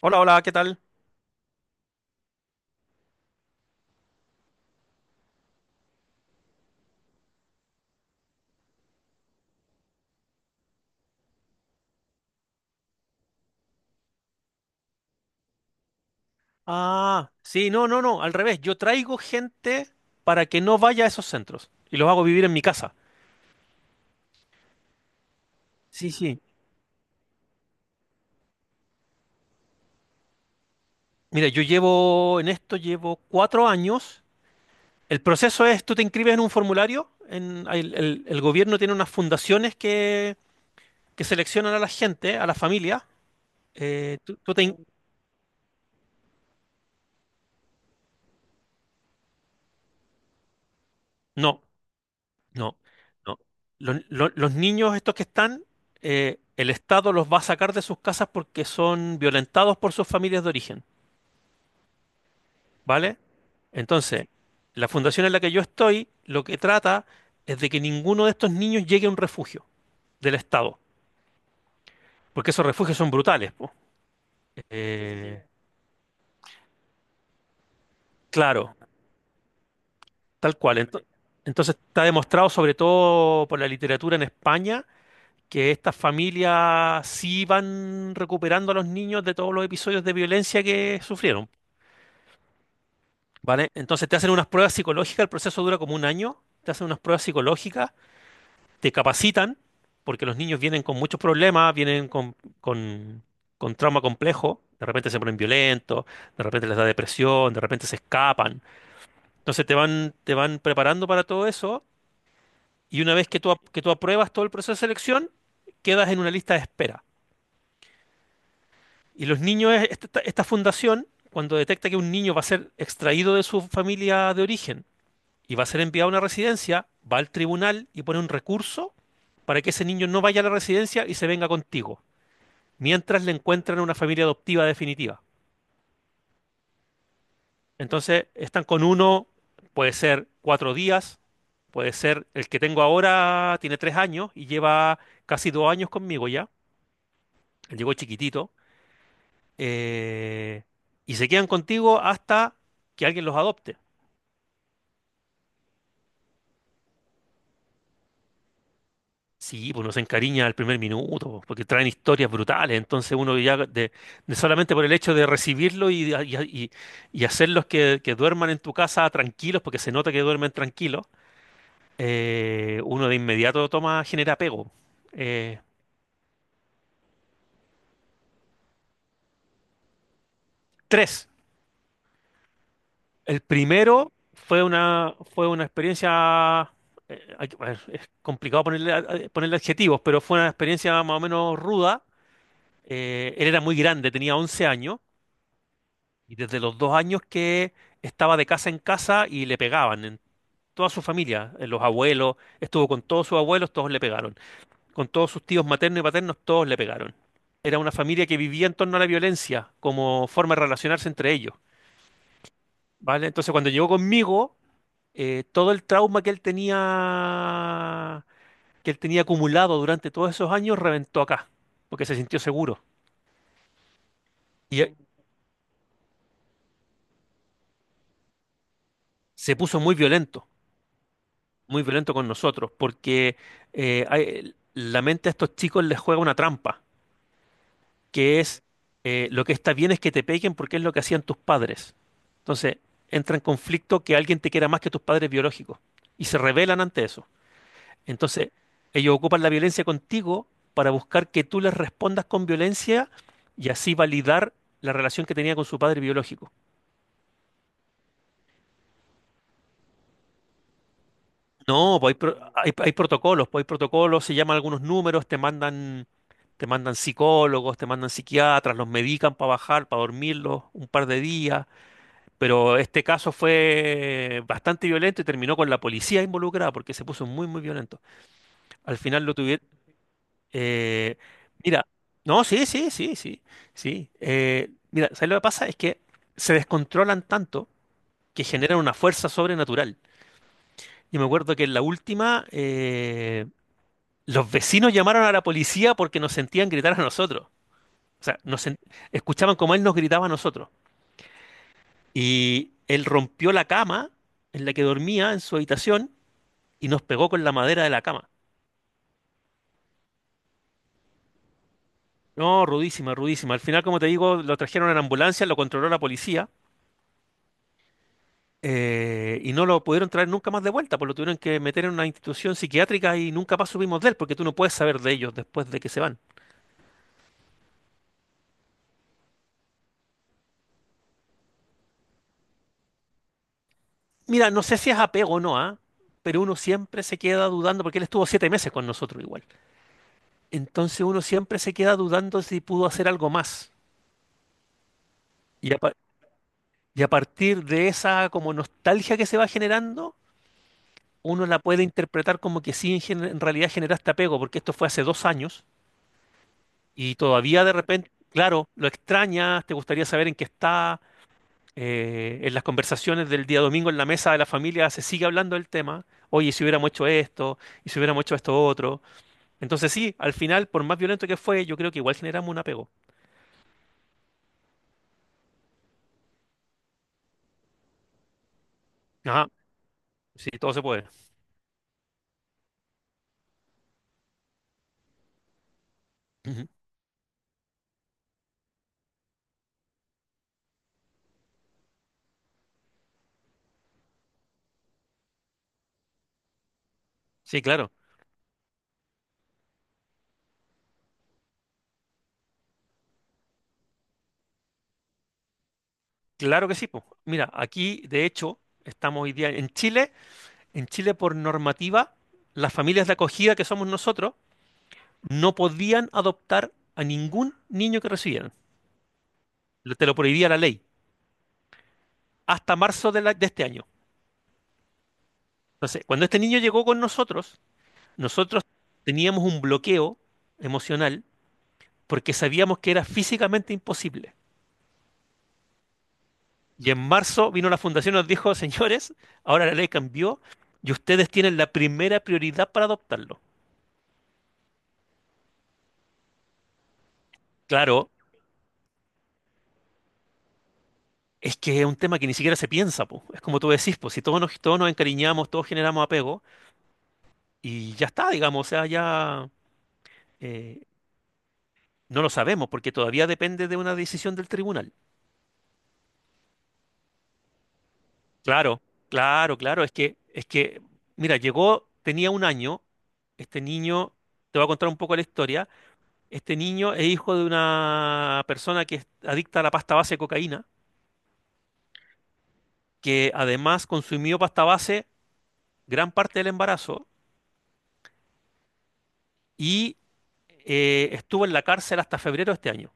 Hola, hola, ¿qué tal? Ah, sí, no, no, no, al revés. Yo traigo gente para que no vaya a esos centros y los hago vivir en mi casa. Sí, sí. Mira, yo llevo, en esto llevo 4 años. El proceso es, tú te inscribes en un formulario, el gobierno tiene unas fundaciones que seleccionan a la gente, a la familia. Tú te in- No, no, no. Los niños estos que están, el Estado los va a sacar de sus casas porque son violentados por sus familias de origen. ¿Vale? Entonces, la fundación en la que yo estoy, lo que trata es de que ninguno de estos niños llegue a un refugio del Estado, porque esos refugios son brutales, po. Eh, claro, tal cual. Entonces, está demostrado, sobre todo por la literatura en España, que estas familias sí van recuperando a los niños de todos los episodios de violencia que sufrieron. ¿Vale? Entonces, te hacen unas pruebas psicológicas, el proceso dura como un año, te hacen unas pruebas psicológicas, te capacitan, porque los niños vienen con muchos problemas, vienen con, con, con, trauma complejo, de repente se ponen violentos, de repente les da depresión, de repente se escapan. Entonces te van preparando para todo eso y una vez que tú apruebas todo el proceso de selección, quedas en una lista de espera. Y los niños, esta fundación, cuando detecta que un niño va a ser extraído de su familia de origen y va a ser enviado a una residencia, va al tribunal y pone un recurso para que ese niño no vaya a la residencia y se venga contigo, mientras le encuentran una familia adoptiva definitiva. Entonces están con uno, puede ser 4 días, puede ser, el que tengo ahora tiene 3 años y lleva casi 2 años conmigo ya, él llegó chiquitito, eh, y se quedan contigo hasta que alguien los adopte. Sí, pues uno se encariña al primer minuto, po, porque traen historias brutales, entonces uno ya de solamente por el hecho de recibirlo y- y hacerlos que duerman en tu casa tranquilos, porque se nota que duermen tranquilos. Uno de inmediato toma, genera apego. Eh, tres. El primero fue una experiencia. A ver, es complicado ponerle, ponerle adjetivos, pero fue una experiencia más o menos ruda. Él era muy grande, tenía 11 años, y desde los 2 años que estaba de casa en casa y le pegaban en toda su familia, en los abuelos, estuvo con todos sus abuelos, todos le pegaron. Con todos sus tíos maternos y paternos, todos le pegaron. Era una familia que vivía en torno a la violencia como forma de relacionarse entre ellos. ¿Vale? Entonces cuando llegó conmigo, todo el trauma que él tenía acumulado durante todos esos años, reventó acá, porque se sintió seguro. Y se puso muy violento con nosotros, porque la mente a estos chicos les juega una trampa. Que es lo que está bien es que te peguen porque es lo que hacían tus padres. Entonces, entra en conflicto que alguien te quiera más que tus padres biológicos y se rebelan ante eso. Entonces, ellos ocupan la violencia contigo para buscar que tú les respondas con violencia y así validar la relación que tenía con su padre biológico. No, pues hay protocolos, pues hay protocolos, se llaman algunos números, te mandan psicólogos, te mandan psiquiatras, los medican para bajar, para dormirlos un par de días. Pero este caso fue bastante violento y terminó con la policía involucrada porque se puso muy, muy violento. Al final lo tuvieron... eh, mira, no, sí, sí, sí, sí, sí. Mira, ¿sabes lo que pasa? Es que se descontrolan tanto que generan una fuerza sobrenatural. Y me acuerdo que en la última, los vecinos llamaron a la policía porque nos sentían gritar a nosotros. O sea, escuchaban como él nos gritaba a nosotros. Y él rompió la cama en la que dormía en su habitación y nos pegó con la madera de la cama. No, rudísima, rudísima. Al final, como te digo, lo trajeron en ambulancia, lo controló la policía, y no lo pudieron traer nunca más de vuelta, pues lo tuvieron que meter en una institución psiquiátrica y nunca más supimos de él, porque tú no puedes saber de ellos después de que se van. Mira, no sé si es apego o no, ¿ah? Pero uno siempre se queda dudando, porque él estuvo 7 meses con nosotros igual. Entonces uno siempre se queda dudando si pudo hacer algo más. Y a, pa- y a partir de esa como nostalgia que se va generando, uno la puede interpretar como que sí, en realidad generaste apego, porque esto fue hace 2 años y todavía de repente, claro, lo extrañas, te gustaría saber en qué está, en las conversaciones del día domingo en la mesa de la familia se sigue hablando del tema, oye, si hubiéramos hecho esto, y si hubiéramos hecho esto otro. Entonces sí, al final, por más violento que fue, yo creo que igual generamos un apego. Ajá, sí, todo se puede. Ujú. Sí, claro, claro que sí, po. Mira, aquí, de hecho, estamos hoy día en Chile. En Chile, por normativa, las familias de acogida que somos nosotros no podían adoptar a ningún niño que recibieran. Te lo prohibía la ley hasta marzo de, de este año. Entonces, cuando este niño llegó con nosotros, nosotros teníamos un bloqueo emocional porque sabíamos que era físicamente imposible. Y en marzo vino la fundación y nos dijo, señores, ahora la ley cambió y ustedes tienen la primera prioridad para adoptarlo. Claro. Es que es un tema que ni siquiera se piensa, po. Es como tú decís, pues si todos nos, todos nos encariñamos, todos generamos apego y ya está, digamos, o sea, ya eh, no lo sabemos porque todavía depende de una decisión del tribunal. Claro, claro, claro, es que, mira, llegó, tenía 1 año, este niño, te voy a contar un poco la historia, este niño es hijo de una persona que es adicta a la pasta base de cocaína, que además consumió pasta base gran parte del embarazo. Y estuvo en la cárcel hasta febrero de este año.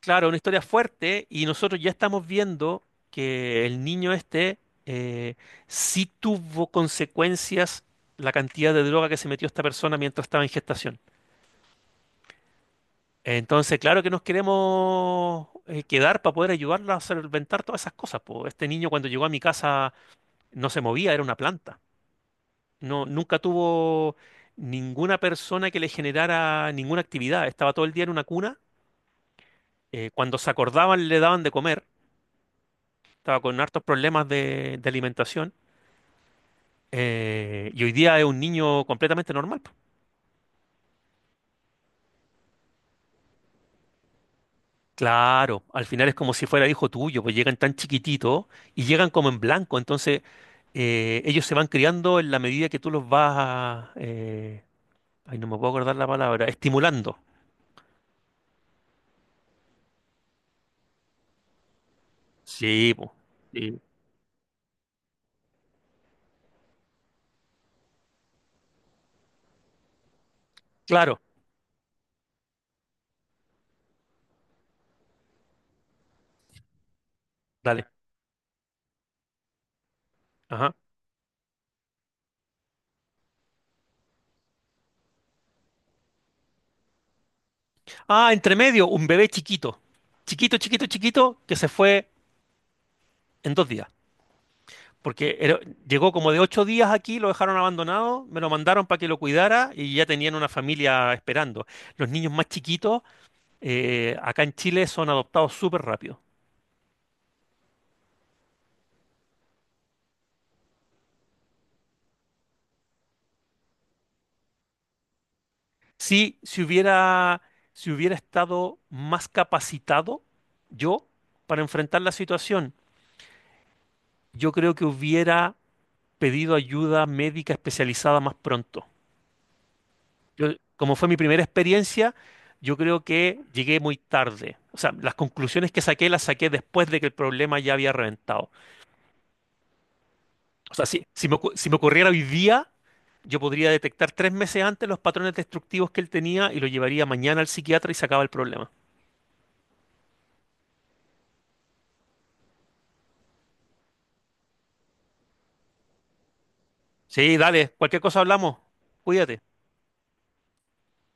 Claro, una historia fuerte y nosotros ya estamos viendo que el niño este eh, sí tuvo consecuencias la cantidad de droga que se metió esta persona mientras estaba en gestación. Entonces, claro que nos queremos quedar para poder ayudarla a solventar todas esas cosas, po. Este niño cuando llegó a mi casa no se movía, era una planta. No, nunca tuvo ninguna persona que le generara ninguna actividad. Estaba todo el día en una cuna, cuando se acordaban le daban de comer, estaba con hartos problemas de alimentación, y hoy día es un niño completamente normal, po. Claro, al final es como si fuera hijo tuyo, pues llegan tan chiquititos y llegan como en blanco, entonces ellos se van criando en la medida que tú los vas, ay, no me puedo acordar la palabra, estimulando. Sí, po, sí. Claro, dale. Ajá. Ah, entre medio, un bebé chiquito, chiquito, chiquito, chiquito, que se fue en 2 días. Porque era- llegó como de 8 días aquí, lo dejaron abandonado, me lo mandaron para que lo cuidara y ya tenían una familia esperando. Los niños más chiquitos, acá en Chile son adoptados súper rápido. Sí, si hubiera estado más capacitado yo para enfrentar la situación, yo creo que hubiera pedido ayuda médica especializada más pronto. Como fue mi primera experiencia, yo creo que llegué muy tarde. O sea, las conclusiones que saqué las saqué después de que el problema ya había reventado. O sea, si me ocurriera hoy día, yo podría detectar 3 meses antes los patrones destructivos que él tenía y lo llevaría mañana al psiquiatra y sacaba el problema. Sí, dale, cualquier cosa hablamos. Cuídate.